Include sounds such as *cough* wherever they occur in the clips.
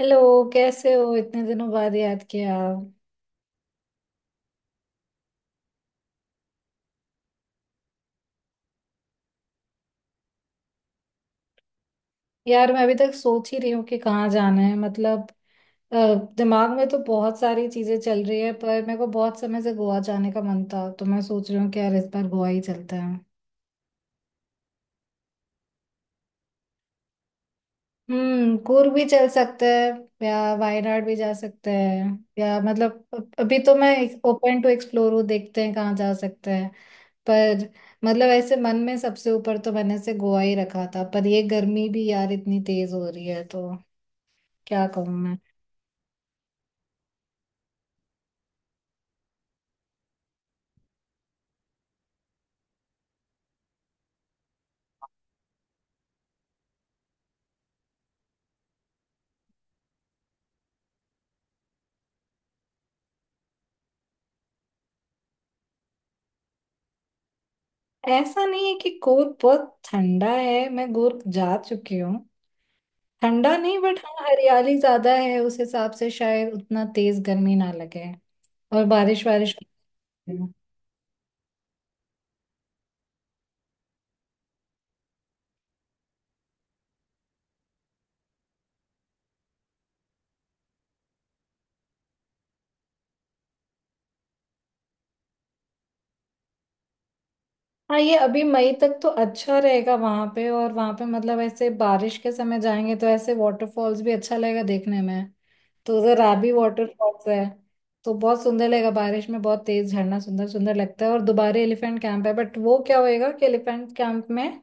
Hello. कैसे हो? इतने दिनों बाद याद किया। यार मैं अभी तक सोच ही रही हूँ कि कहाँ जाना है। मतलब अ, दिमाग में तो बहुत सारी चीजें चल रही है, पर मेरे को बहुत समय से गोवा जाने का मन था, तो मैं सोच रही हूँ कि यार इस बार गोवा ही चलते हैं। हम्म, कूर्ग भी चल सकते हैं या वायनाड भी जा सकते हैं। या मतलब अभी तो मैं ओपन टू एक्सप्लोर हूँ, देखते हैं कहाँ जा सकते हैं। पर मतलब ऐसे मन में सबसे ऊपर तो मैंने से गोवा ही रखा था, पर ये गर्मी भी यार इतनी तेज हो रही है तो क्या कहूँ मैं। ऐसा नहीं है कि गोवा बहुत ठंडा है, मैं गोवा जा चुकी हूँ। ठंडा नहीं, बट हाँ हरियाली ज्यादा है, उस हिसाब से शायद उतना तेज गर्मी ना लगे। और बारिश वारिश। हाँ, ये अभी मई तक तो अच्छा रहेगा वहां पे, और वहां पे मतलब ऐसे बारिश के समय जाएंगे तो ऐसे वाटरफॉल्स भी अच्छा लगेगा देखने में। तो उधर राबी वाटरफॉल्स है, तो बहुत सुंदर लगेगा बारिश में, बहुत तेज झरना सुंदर सुंदर लगता है। और दोबारा एलिफेंट कैंप है, बट वो क्या होएगा कि एलिफेंट कैंप में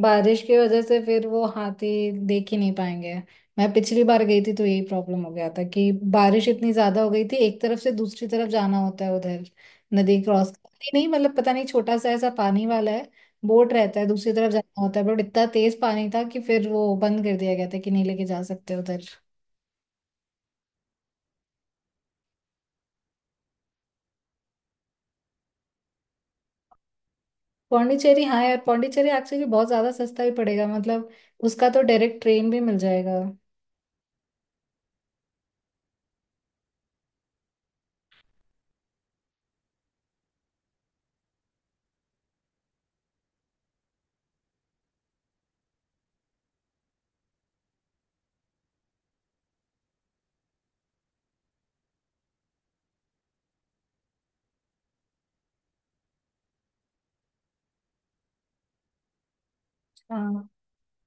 बारिश की वजह से फिर वो हाथी देख ही नहीं पाएंगे। मैं पिछली बार गई थी तो यही प्रॉब्लम हो गया था कि बारिश इतनी ज्यादा हो गई थी। एक तरफ से दूसरी तरफ जाना होता है उधर, नदी क्रॉस करती नहीं, मतलब पता नहीं छोटा सा ऐसा पानी वाला है, बोट रहता है, दूसरी तरफ जाना होता है, बट इतना तेज पानी था कि फिर वो बंद कर दिया गया था कि नहीं लेके जा सकते उधर। पौंडीचेरी, हाँ यार पौंडीचेरी एक्चुअली बहुत ज्यादा सस्ता भी पड़ेगा मतलब, उसका तो डायरेक्ट ट्रेन भी मिल जाएगा। हाँ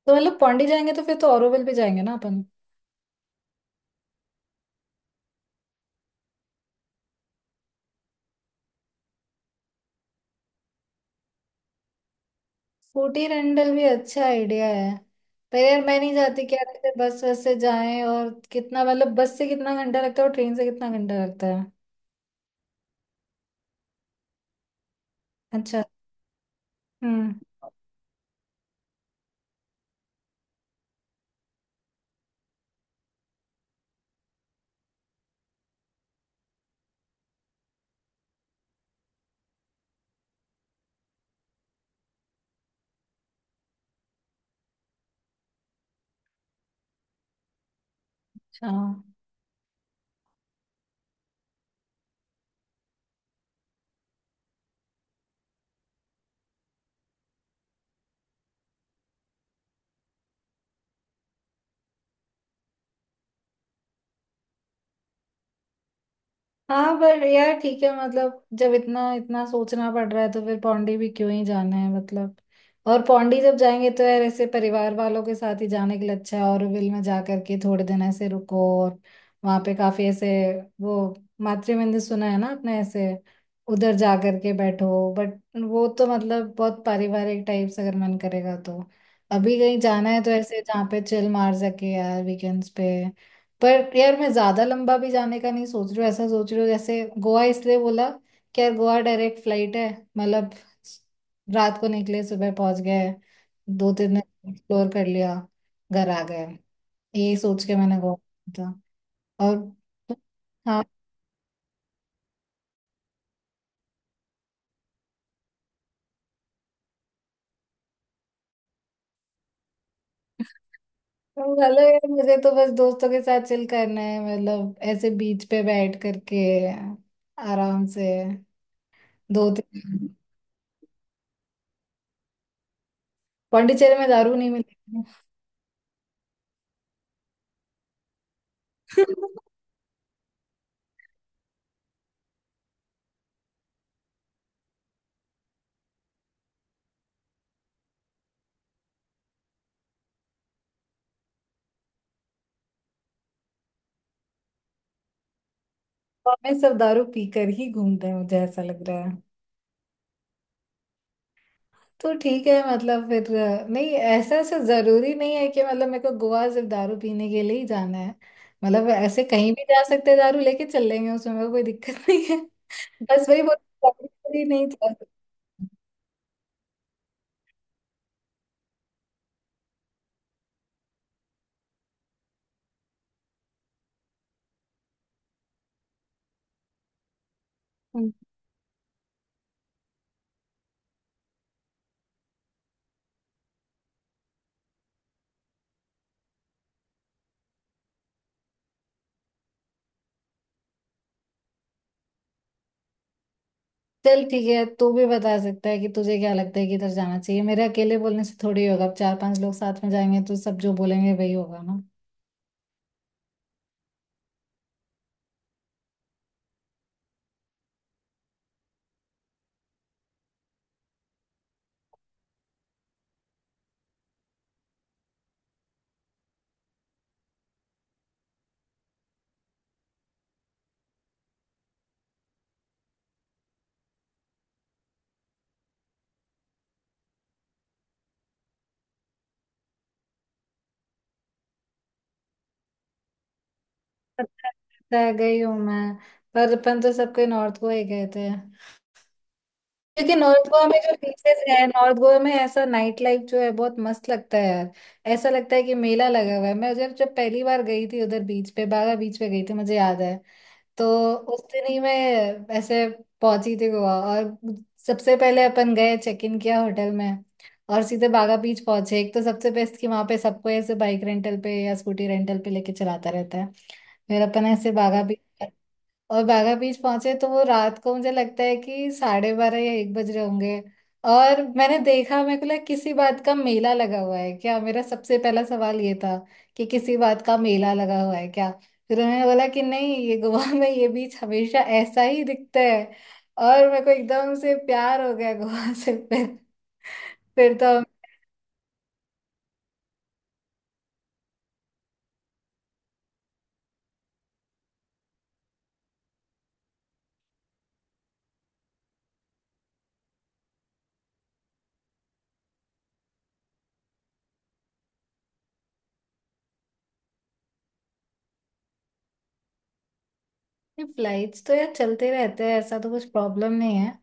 तो मतलब पौंडी जाएंगे तो फिर तो ऑरोविल भी जाएंगे ना अपन। स्कूटी रेंटल भी अच्छा आइडिया है। पर यार मैं नहीं चाहती कि यार ऐसे बस बस से जाएं, और कितना मतलब बस से कितना घंटा लगता है और ट्रेन से कितना घंटा लगता है। अच्छा। हम्म। अच्छा। हाँ पर यार ठीक है मतलब जब इतना इतना सोचना पड़ रहा है तो फिर पौंडी भी क्यों ही जाना है मतलब। और पौंडी जब जाएंगे तो यार ऐसे परिवार वालों के साथ ही जाने के लिए अच्छा है, ऑरोविल में जा करके थोड़े दिन ऐसे रुको, और वहाँ पे काफी ऐसे वो मातृ मंदिर सुना है ना आपने, ऐसे उधर जा करके बैठो, बट वो तो मतलब बहुत पारिवारिक टाइप से अगर मन करेगा तो। अभी कहीं जाना है तो ऐसे जहाँ पे चिल मार सके यार, वीकेंड्स पे। पर यार मैं ज्यादा लंबा भी जाने का नहीं सोच रही हूँ, ऐसा सोच रही हूँ, जैसे गोवा इसलिए बोला कि यार गोवा डायरेक्ट फ्लाइट है। मतलब रात को निकले, सुबह पहुंच गए, दो तीन दिन एक्सप्लोर कर लिया, घर आ गए। यही सोच के मैंने गोवा किया था। और हाँ। हेलो यार, मुझे तो बस दोस्तों के साथ चिल करना है मतलब, ऐसे बीच पे बैठ करके आराम से। दो तीन। पौंडीचेरी में दारू नहीं मिलेगी। *laughs* हमें सब दारू पीकर ही घूमते हैं, मुझे ऐसा लग रहा है। तो ठीक है मतलब फिर नहीं, ऐसा ऐसा जरूरी नहीं है कि मतलब मेरे को गोवा सिर्फ दारू पीने के लिए ही जाना है। मतलब ऐसे कहीं भी जा सकते हैं, दारू लेके चल लेंगे, उसमें मेरे को कोई दिक्कत *laughs* नहीं है। बस वही बोल, दारू के लिए नहीं जा सकते। हम्म। चल ठीक है, तू भी बता सकता है कि तुझे क्या लगता है कि इधर जाना चाहिए। मेरे अकेले बोलने से थोड़ी होगा, अब चार पांच लोग साथ में जाएंगे तो सब जो बोलेंगे वही होगा ना। पता है, गई हूँ मैं। पर अपन तो सब कोई नॉर्थ को ही गए थे। क्योंकि नॉर्थ गोवा में जो बीचेस है, नॉर्थ गोवा में ऐसा नाइट लाइफ जो है बहुत मस्त लगता है यार। ऐसा लगता है कि मेला लगा हुआ है। मैं जब जब पहली बार गई थी उधर बीच पे, बागा बीच पे गई थी मुझे याद है। तो उस दिन ही मैं ऐसे पहुंची थी गोवा, और सबसे पहले अपन गए, चेक इन किया होटल में, और सीधे बागा बीच पहुंचे। एक तो सबसे बेस्ट कि वहां पे सबको ऐसे बाइक रेंटल पे या स्कूटी रेंटल पे लेके चलाता रहता है। फिर अपन ऐसे बागा बीच, और बागा बीच पहुंचे तो वो रात को मुझे लगता है कि साढ़े बारह या एक बज रहे होंगे। और मैंने देखा, मेरे को लगा किसी बात का मेला लगा हुआ है क्या, मेरा सबसे पहला सवाल ये था कि किसी बात का मेला लगा हुआ है क्या। फिर उन्होंने बोला कि नहीं, ये गोवा *laughs* में ये बीच हमेशा ऐसा ही दिखता है। और मेरे को एकदम से प्यार हो गया गोवा *laughs* से फिर। फिर तो हम। फ्लाइट्स तो यार चलते रहते हैं, ऐसा तो कुछ प्रॉब्लम नहीं है।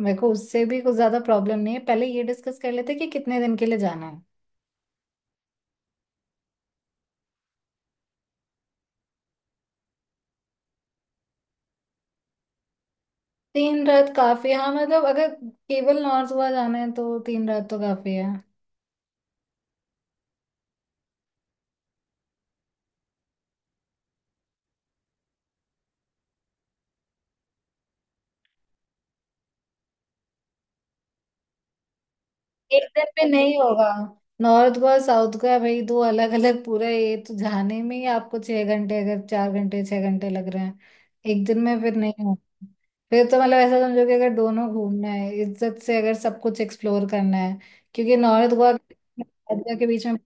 मेरे को उससे भी कुछ ज्यादा प्रॉब्लम नहीं है, पहले ये डिस्कस कर लेते हैं कि कितने दिन के लिए जाना। तीन रात काफी है। हाँ मतलब अगर केवल नॉर्थ गोवा जाना है तो तीन रात तो काफी है। एक दिन में नहीं होगा। नॉर्थ गोवा साउथ गोवा भाई दो अलग अलग पूरा ये, तो जाने में ही आपको छह घंटे, अगर चार घंटे छह घंटे लग रहे हैं, एक दिन में फिर नहीं होगा। फिर तो मतलब ऐसा समझो कि अगर दोनों घूमना है इज्जत से, अगर सब कुछ एक्सप्लोर करना है, क्योंकि नॉर्थ गोवा साउथ गोवा के बीच में।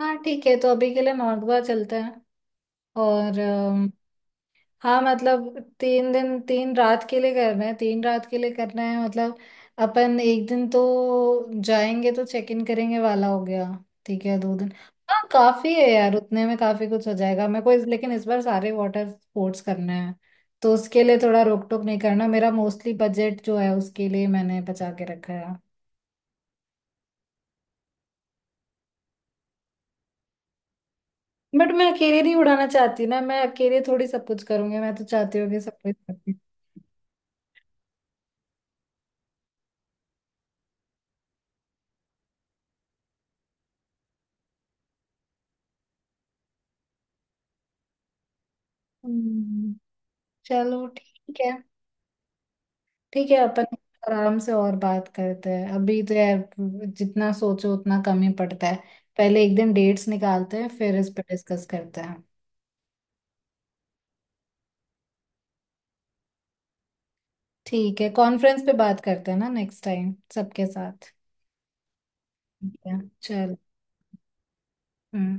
हाँ ठीक है, तो अभी के लिए नॉर्थ गोवा चलते हैं। और हाँ मतलब तीन दिन तीन रात के लिए करना है, तीन रात के लिए करना है मतलब। अपन एक दिन तो जाएंगे तो चेक इन करेंगे वाला हो गया। ठीक है, दो दिन। हाँ काफी है यार, उतने में काफी कुछ हो जाएगा मेरे को। लेकिन इस बार सारे वाटर स्पोर्ट्स करना है, तो उसके लिए थोड़ा रोक टोक नहीं करना, मेरा मोस्टली बजट जो है उसके लिए मैंने बचा के रखा है। बट मैं अकेले नहीं उड़ाना चाहती ना, मैं अकेले थोड़ी सब कुछ करूंगी, मैं तो चाहती हूँ कि सब कुछ करूँ। हम्म, चलो ठीक है। ठीक है अपन आराम से और बात करते हैं, अभी तो यार जितना सोचो उतना कम ही पड़ता है। पहले एक दिन डेट्स निकालते हैं, फिर इस पर डिस्कस करते हैं। ठीक है, कॉन्फ्रेंस पे बात करते हैं ना नेक्स्ट टाइम सबके साथ। ठीक है, चल। हम्म।